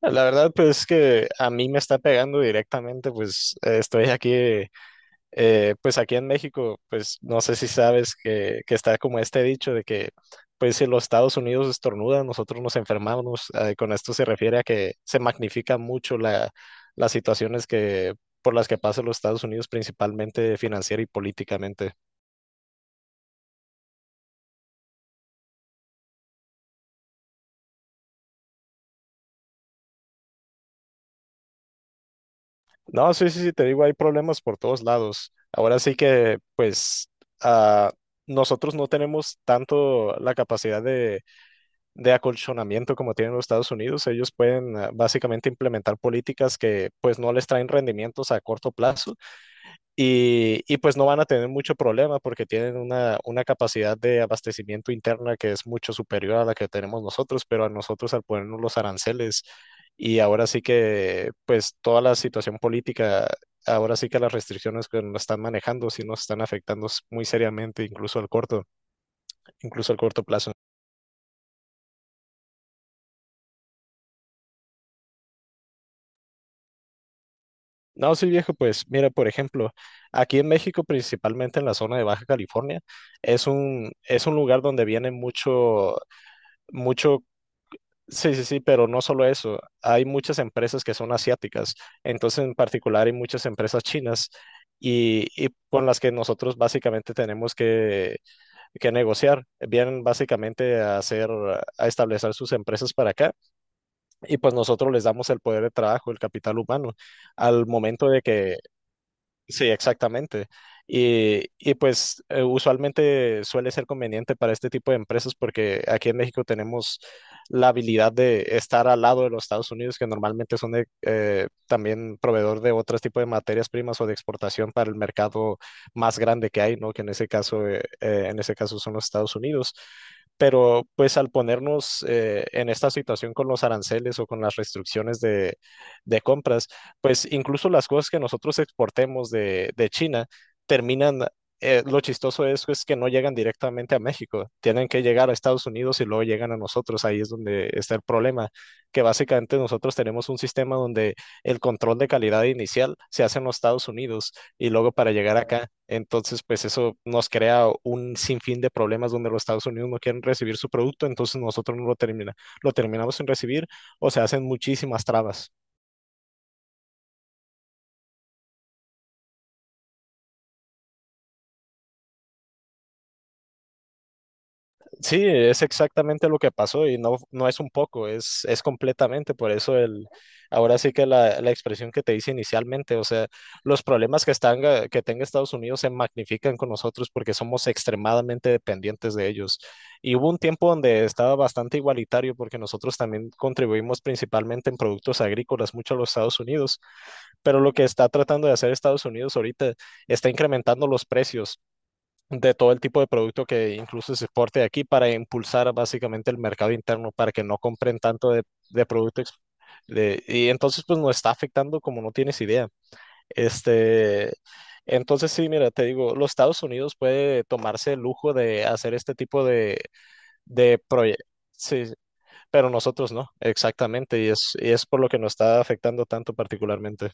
La verdad, pues es que a mí me está pegando directamente, pues estoy aquí, pues aquí en México. Pues no sé si sabes que está como este dicho de que, pues si los Estados Unidos estornudan, nosotros nos enfermamos. Con esto se refiere a que se magnifica mucho las situaciones que, por las que pasan los Estados Unidos, principalmente financiera y políticamente. No, sí, sí, sí, te digo, hay problemas por todos lados. Ahora sí que, pues, ah, nosotros no tenemos tanto la capacidad de acolchonamiento como tienen los Estados Unidos. Ellos pueden básicamente implementar políticas que, pues, no les traen rendimientos a corto plazo, y pues no van a tener mucho problema porque tienen una capacidad de abastecimiento interna que es mucho superior a la que tenemos nosotros, pero a nosotros al ponernos los aranceles y ahora sí que pues toda la situación política, ahora sí que las restricciones que nos están manejando sí nos están afectando muy seriamente, incluso al incluso al corto plazo. No, sí viejo, pues mira, por ejemplo, aquí en México, principalmente en la zona de Baja California, es un lugar donde viene mucho mucho. Sí, sí, sí, pero no solo eso, hay muchas empresas que son asiáticas, entonces en particular hay muchas empresas chinas y con las que nosotros básicamente tenemos que negociar, vienen básicamente a hacer, a establecer sus empresas para acá y pues nosotros les damos el poder de trabajo, el capital humano, al momento de que. Sí, exactamente. Y pues usualmente suele ser conveniente para este tipo de empresas porque aquí en México tenemos la habilidad de estar al lado de los Estados Unidos, que normalmente son de, también proveedor de otros tipos de materias primas o de exportación para el mercado más grande que hay, ¿no? Que en ese caso son los Estados Unidos. Pero pues al ponernos en esta situación con los aranceles o con las restricciones de compras, pues incluso las cosas que nosotros exportemos de China terminan, lo chistoso de eso es pues, que no llegan directamente a México, tienen que llegar a Estados Unidos y luego llegan a nosotros, ahí es donde está el problema, que básicamente nosotros tenemos un sistema donde el control de calidad inicial se hace en los Estados Unidos y luego para llegar acá, entonces pues eso nos crea un sinfín de problemas donde los Estados Unidos no quieren recibir su producto, entonces nosotros no lo termina, lo terminamos sin recibir o se hacen muchísimas trabas. Sí, es exactamente lo que pasó y no, no es un poco, es completamente. Por eso ahora sí que la expresión que te hice inicialmente, o sea, los problemas que están, que tenga Estados Unidos se magnifican con nosotros porque somos extremadamente dependientes de ellos. Y hubo un tiempo donde estaba bastante igualitario porque nosotros también contribuimos principalmente en productos agrícolas mucho a los Estados Unidos, pero lo que está tratando de hacer Estados Unidos ahorita está incrementando los precios de todo el tipo de producto que incluso se exporte de aquí para impulsar básicamente el mercado interno para que no compren tanto de producto ex- y entonces pues nos está afectando como no tienes idea. Este, entonces sí, mira, te digo, los Estados Unidos puede tomarse el lujo de hacer este tipo de proyectos. Sí, pero nosotros no, exactamente, y es por lo que nos está afectando tanto particularmente.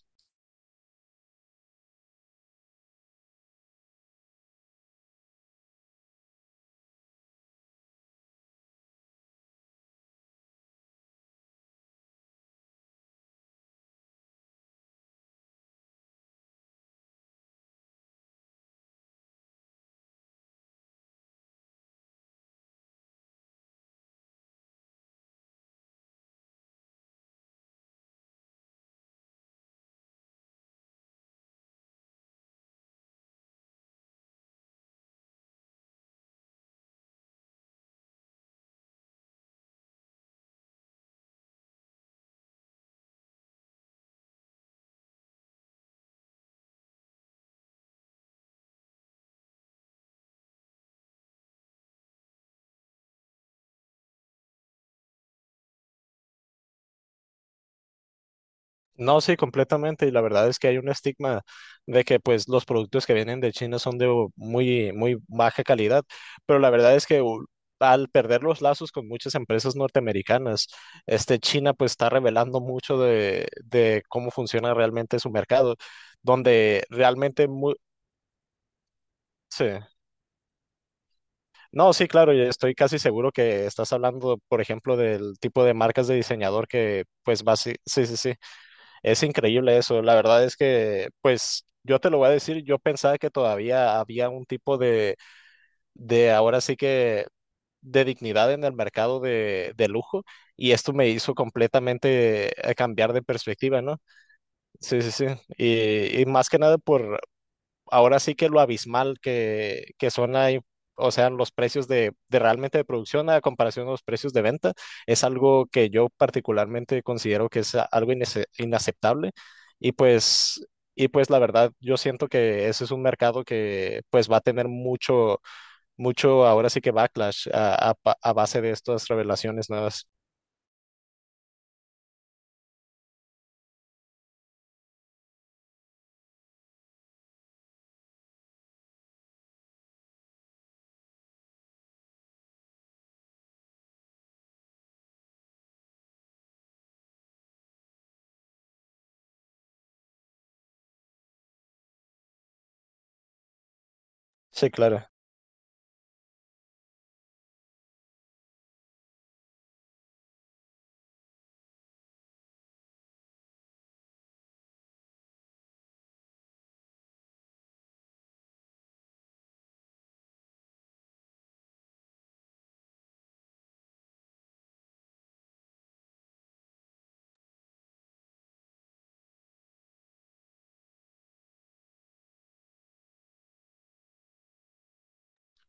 No, sí, completamente. Y la verdad es que hay un estigma de que pues los productos que vienen de China son muy, muy baja calidad. Pero la verdad es que al perder los lazos con muchas empresas norteamericanas, este China pues está revelando mucho de cómo funciona realmente su mercado, donde realmente sí. No, sí, claro, y estoy casi seguro que estás hablando, por ejemplo, del tipo de marcas de diseñador que pues va, sí, sí, sí, sí. Es increíble eso. La verdad es que, pues, yo te lo voy a decir, yo pensaba que todavía había un tipo de ahora sí que, de dignidad en el mercado de lujo y esto me hizo completamente cambiar de perspectiva, ¿no? Sí, sí, sí. Y más que nada por ahora sí que lo abismal que son ahí, o sea, los precios de realmente de producción a comparación a los precios de venta, es algo que yo particularmente considero que es algo inaceptable. Y pues, y pues la verdad, yo siento que ese es un mercado que pues va a tener mucho, mucho, ahora sí que backlash a base de estas revelaciones nuevas. Sí, claro.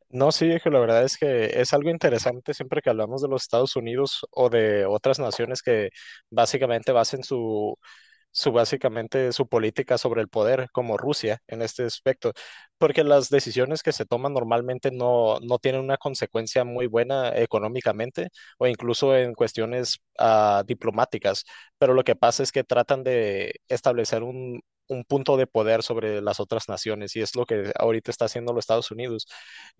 No, sí, viejo, la verdad es que es algo interesante siempre que hablamos de los Estados Unidos o de otras naciones que básicamente basen su básicamente su política sobre el poder, como Rusia en este aspecto, porque las decisiones que se toman normalmente no, no tienen una consecuencia muy buena económicamente o incluso en cuestiones diplomáticas, pero lo que pasa es que tratan de establecer un punto de poder sobre las otras naciones y es lo que ahorita está haciendo los Estados Unidos.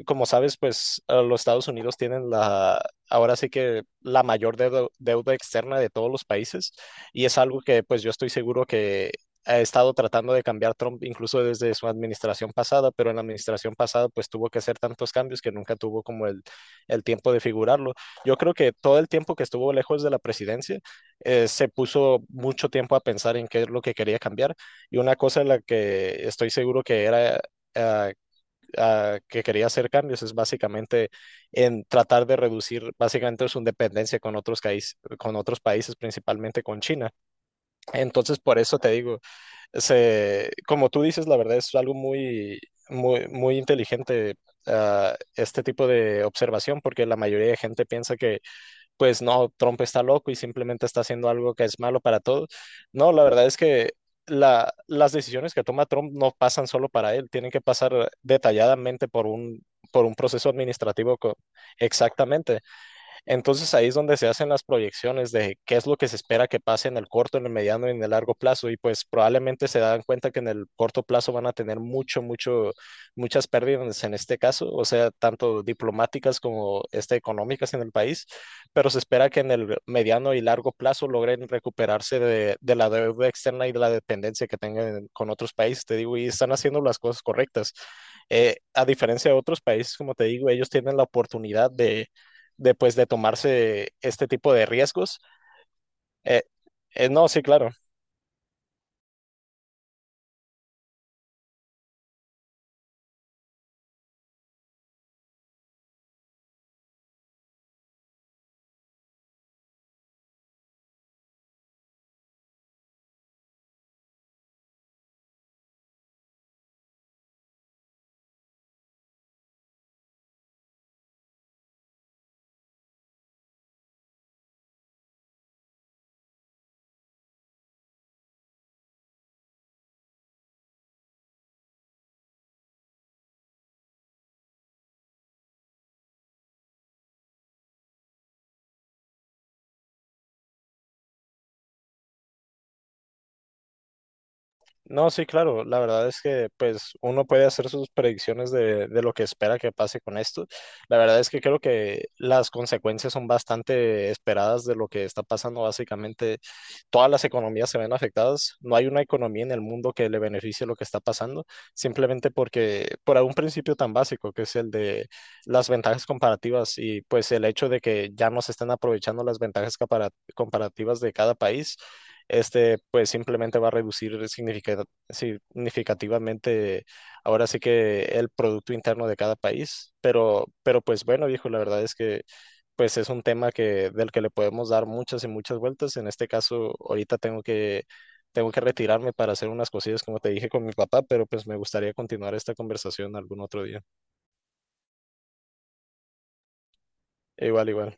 Como sabes, pues los Estados Unidos tienen ahora sí que la mayor deuda externa de todos los países y es algo que pues yo estoy seguro que ha estado tratando de cambiar Trump incluso desde su administración pasada, pero en la administración pasada pues tuvo que hacer tantos cambios que nunca tuvo como el tiempo de figurarlo. Yo creo que todo el tiempo que estuvo lejos de la presidencia se puso mucho tiempo a pensar en qué es lo que quería cambiar. Y una cosa en la que estoy seguro que era... eh, que quería hacer cambios es básicamente en tratar de reducir básicamente su dependencia con con otros países, principalmente con China. Entonces, por eso te digo, como tú dices, la verdad es algo muy, muy, muy inteligente. Este tipo de observación, porque la mayoría de gente piensa que, pues no, Trump está loco y simplemente está haciendo algo que es malo para todos. No, la verdad es que las decisiones que toma Trump no pasan solo para él, tienen que pasar detalladamente por por un proceso administrativo co- exactamente. Entonces ahí es donde se hacen las proyecciones de qué es lo que se espera que pase en el corto, en el mediano y en el largo plazo. Y pues probablemente se dan cuenta que en el corto plazo van a tener mucho, mucho, muchas pérdidas en este caso, o sea, tanto diplomáticas como este, económicas en el país, pero se espera que en el mediano y largo plazo logren recuperarse de la deuda externa y de la dependencia que tengan con otros países, te digo, y están haciendo las cosas correctas. A diferencia de otros países, como te digo, ellos tienen la oportunidad de después de tomarse este tipo de riesgos. Eh, no, sí, claro. No, sí, claro, la verdad es que pues uno puede hacer sus predicciones de lo que espera que pase con esto. La verdad es que creo que las consecuencias son bastante esperadas de lo que está pasando. Básicamente, todas las economías se ven afectadas. No hay una economía en el mundo que le beneficie lo que está pasando, simplemente porque por un principio tan básico que es el de las ventajas comparativas y pues el hecho de que ya no se estén aprovechando las ventajas comparativas de cada país, este pues simplemente va a reducir significativamente ahora sí que el producto interno de cada país. Pero pues bueno, viejo, la verdad es que pues es un tema que del que le podemos dar muchas y muchas vueltas. En este caso, ahorita tengo que retirarme para hacer unas cosillas como te dije con mi papá, pero pues me gustaría continuar esta conversación algún otro día. Igual, igual.